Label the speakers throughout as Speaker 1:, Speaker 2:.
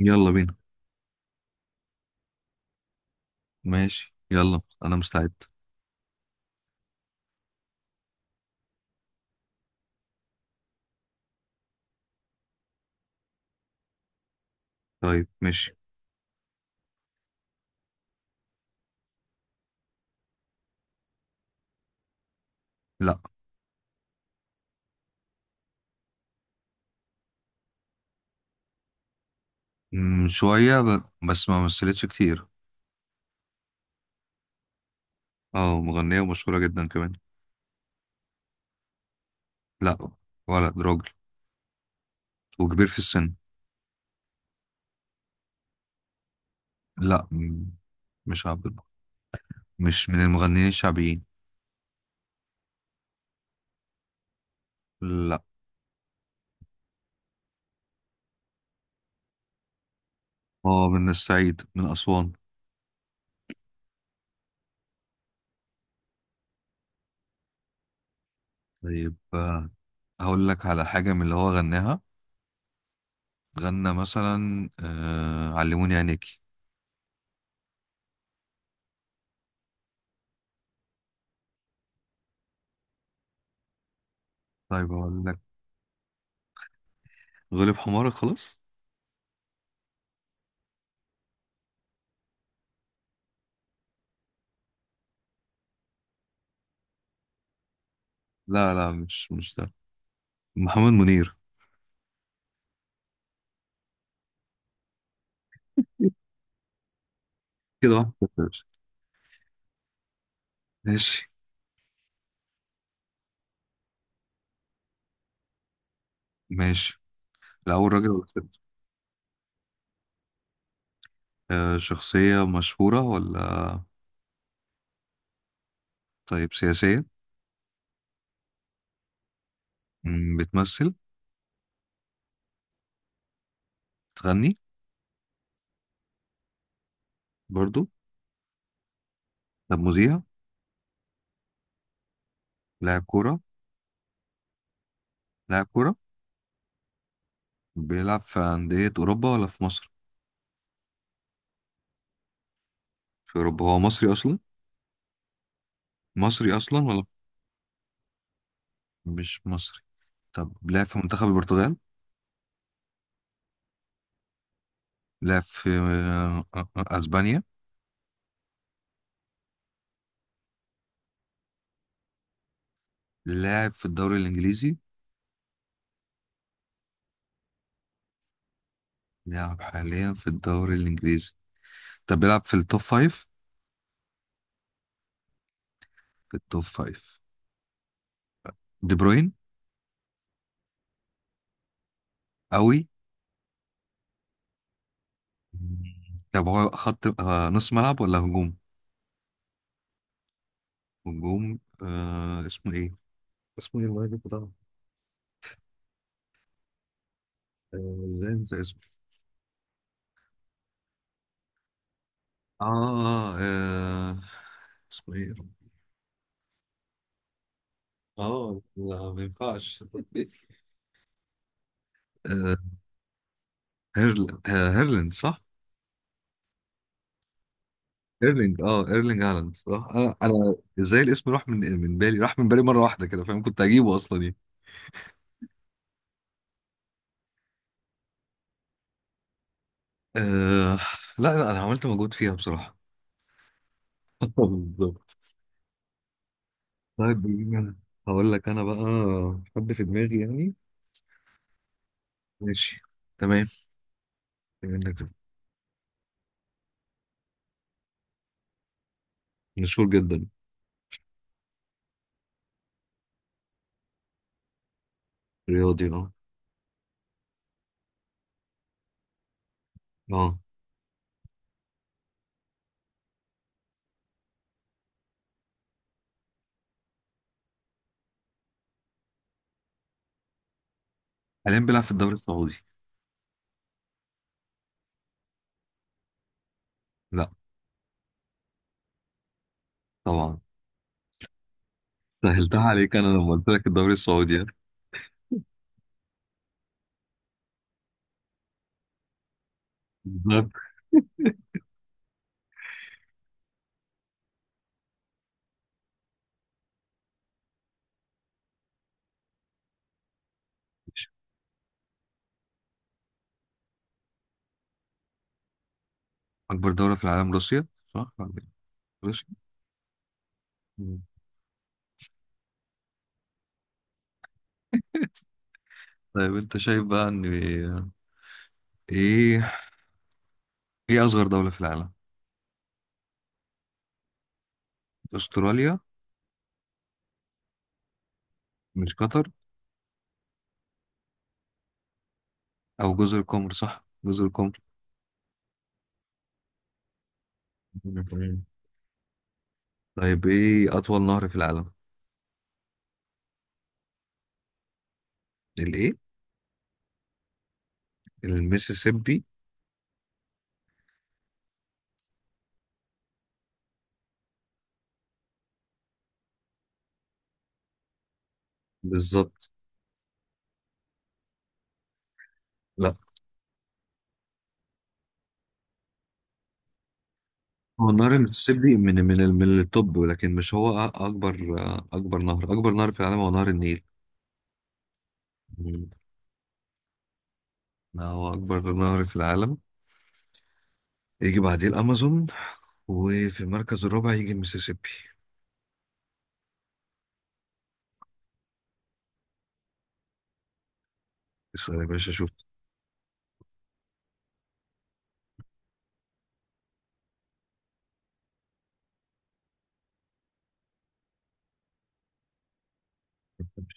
Speaker 1: يلا بينا. ماشي، يلا انا مستعد. طيب، ماشي. لا، شوية بس ما مثلتش كتير. اه، مغنية ومشهورة جدا كمان. لا، ولد راجل وكبير في السن. لا، مش عبد الباسط. مش من المغنيين الشعبيين. لا، هو من الصعيد من أسوان. طيب، هقول لك على حاجة من اللي هو غناها. غنى مثلا علموني عينيكي. طيب هقول لك غلب حمارك خلاص. لا لا، مش ده، محمد منير. كده 1-0 يا باشا. ماشي ماشي. الأول راجل ولا ست؟ شخصية مشهورة ولا؟ طيب سياسية؟ بتمثل؟ بتغني؟ برضو؟ طب مذيع؟ لاعب كورة. لاعب كورة بيلعب في أندية أوروبا ولا في مصر؟ في أوروبا. هو مصري أصلا. مصري أصلا ولا؟ مش مصري. طب لعب في منتخب البرتغال؟ لعب في أسبانيا. لاعب في الدوري الإنجليزي. لاعب حاليا في الدوري الإنجليزي. طب بيلعب في التوب فايف؟ في التوب فايف، دي بروين؟ قوي. طب هو خط نص ملعب ولا هجوم؟ هجوم. اسمه ايه؟ اسمه ايه المهاجم بتاعه؟ ازاي انسى اسمه؟ آه, اه اسمه ايه يا رب؟ اه، لا ما ينفعش. آه هيرلند صح؟ ايرلينج هالاند صح. انا ازاي الاسم راح من بالي، راح من بالي مره واحده كده، فاهم؟ كنت هجيبه اصلا يعني. آه لا لا، انا عملت مجهود فيها بصراحه. بالظبط. طيب بينا. هقول لك انا بقى حد في دماغي يعني. ماشي. تمام. بما انك ده. مشهور جدا. رياضي، اه. اه، حاليا بيلعب في الدوري السعودي. لا. طبعا. سهلتها عليك انا لما قلت لك الدوري السعودي يعني. بالظبط. اكبر دولة في العالم روسيا، صح. روسيا. مم. طيب انت شايف بقى ان ايه ايه اصغر دولة في العالم؟ استراليا. مش قطر؟ او جزر القمر، صح جزر القمر. مم. طيب ايه اطول نهر في العالم؟ الايه؟ الميسيسيبي. بالظبط. لا، هو نهر المسيسيبي من من التوب، ولكن مش هو اكبر. اكبر نهر في العالم هو نهر النيل. مم. لا، هو اكبر نهر في العالم. يجي بعديه الامازون، وفي المركز الرابع يجي المسيسيبي. اسأل يا باشا، شوف.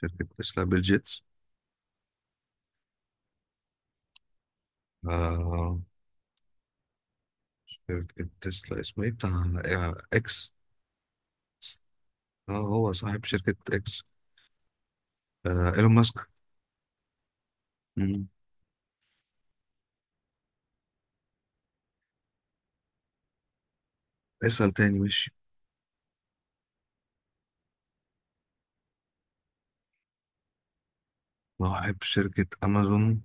Speaker 1: شركة تسلا بيل جيتس. آه شركة تسلا اسمه ايه بتاع اكس. اه، هو صاحب شركة اكس. ايلون ماسك. مم. اسأل تاني. ماشي. صاحب شركة امازون،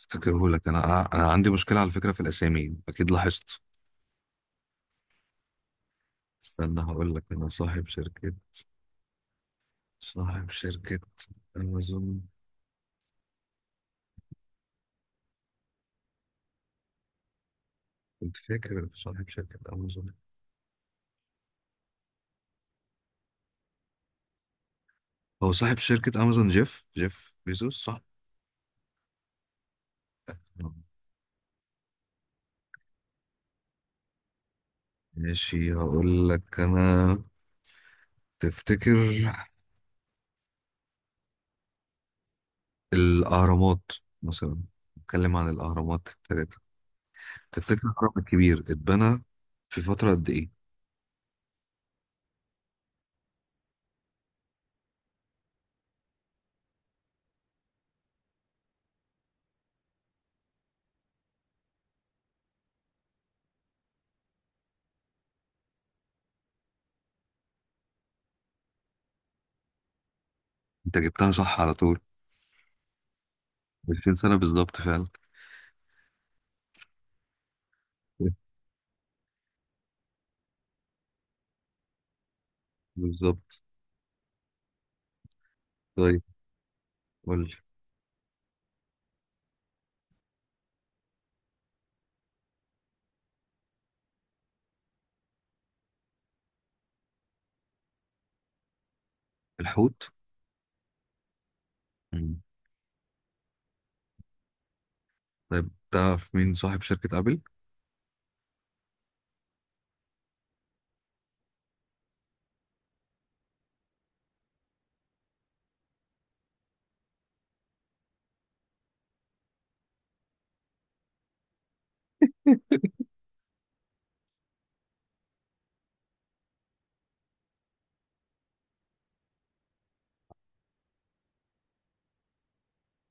Speaker 1: افتكره لك انا. انا عندي مشكله على فكره في الاسامي، اكيد لاحظت. استنى، هقول لك انا. صاحب شركه، صاحب شركه امازون. كنت فاكر في صاحب شركه امازون. هو صاحب شركه امازون جيف بيزوس، صح. آه. ماشي، هقول لك انا. تفتكر الاهرامات مثلا، نتكلم عن الاهرامات الثلاثه. تفتكر الهرم الكبير اتبنى في فتره قد ايه؟ انت جبتها صح على طول. 20 سنه بالظبط فعلا. بالظبط. طيب قول لي. الحوت. مم. طيب تعرف مين صاحب شركة أبل؟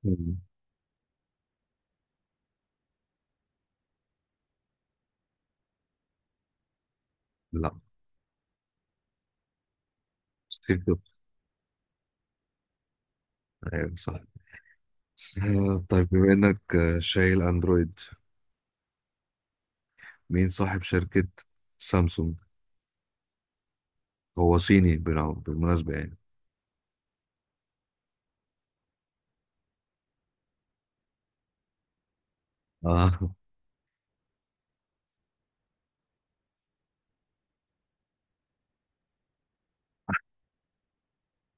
Speaker 1: مم. لا. ستيف جوبز. ايوه، صح. طيب بما انك شايل اندرويد، مين صاحب شركة سامسونج؟ هو صيني بالمناسبة يعني. اه.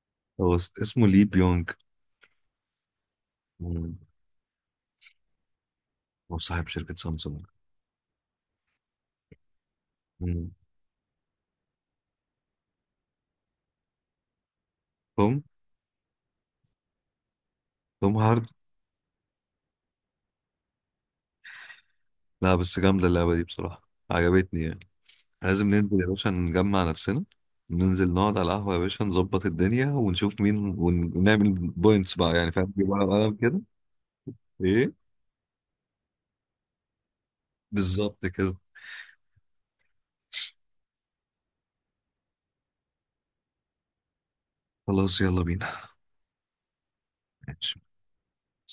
Speaker 1: هو اسمه لي بيونج. مم. هو صاحب شركة سامسونج. مم. توم توم هارد. لا بس جامدة اللعبة دي بصراحة، عجبتني يعني. لازم ننزل يا باشا نجمع نفسنا. ننزل نقعد على القهوة يا باشا، نظبط الدنيا ونشوف مين ونعمل بوينتس بقى يعني، فاهم؟ نجيب ورقة وقلم كده. ايه. بالظبط كده. خلاص، يلا بينا. ماشي.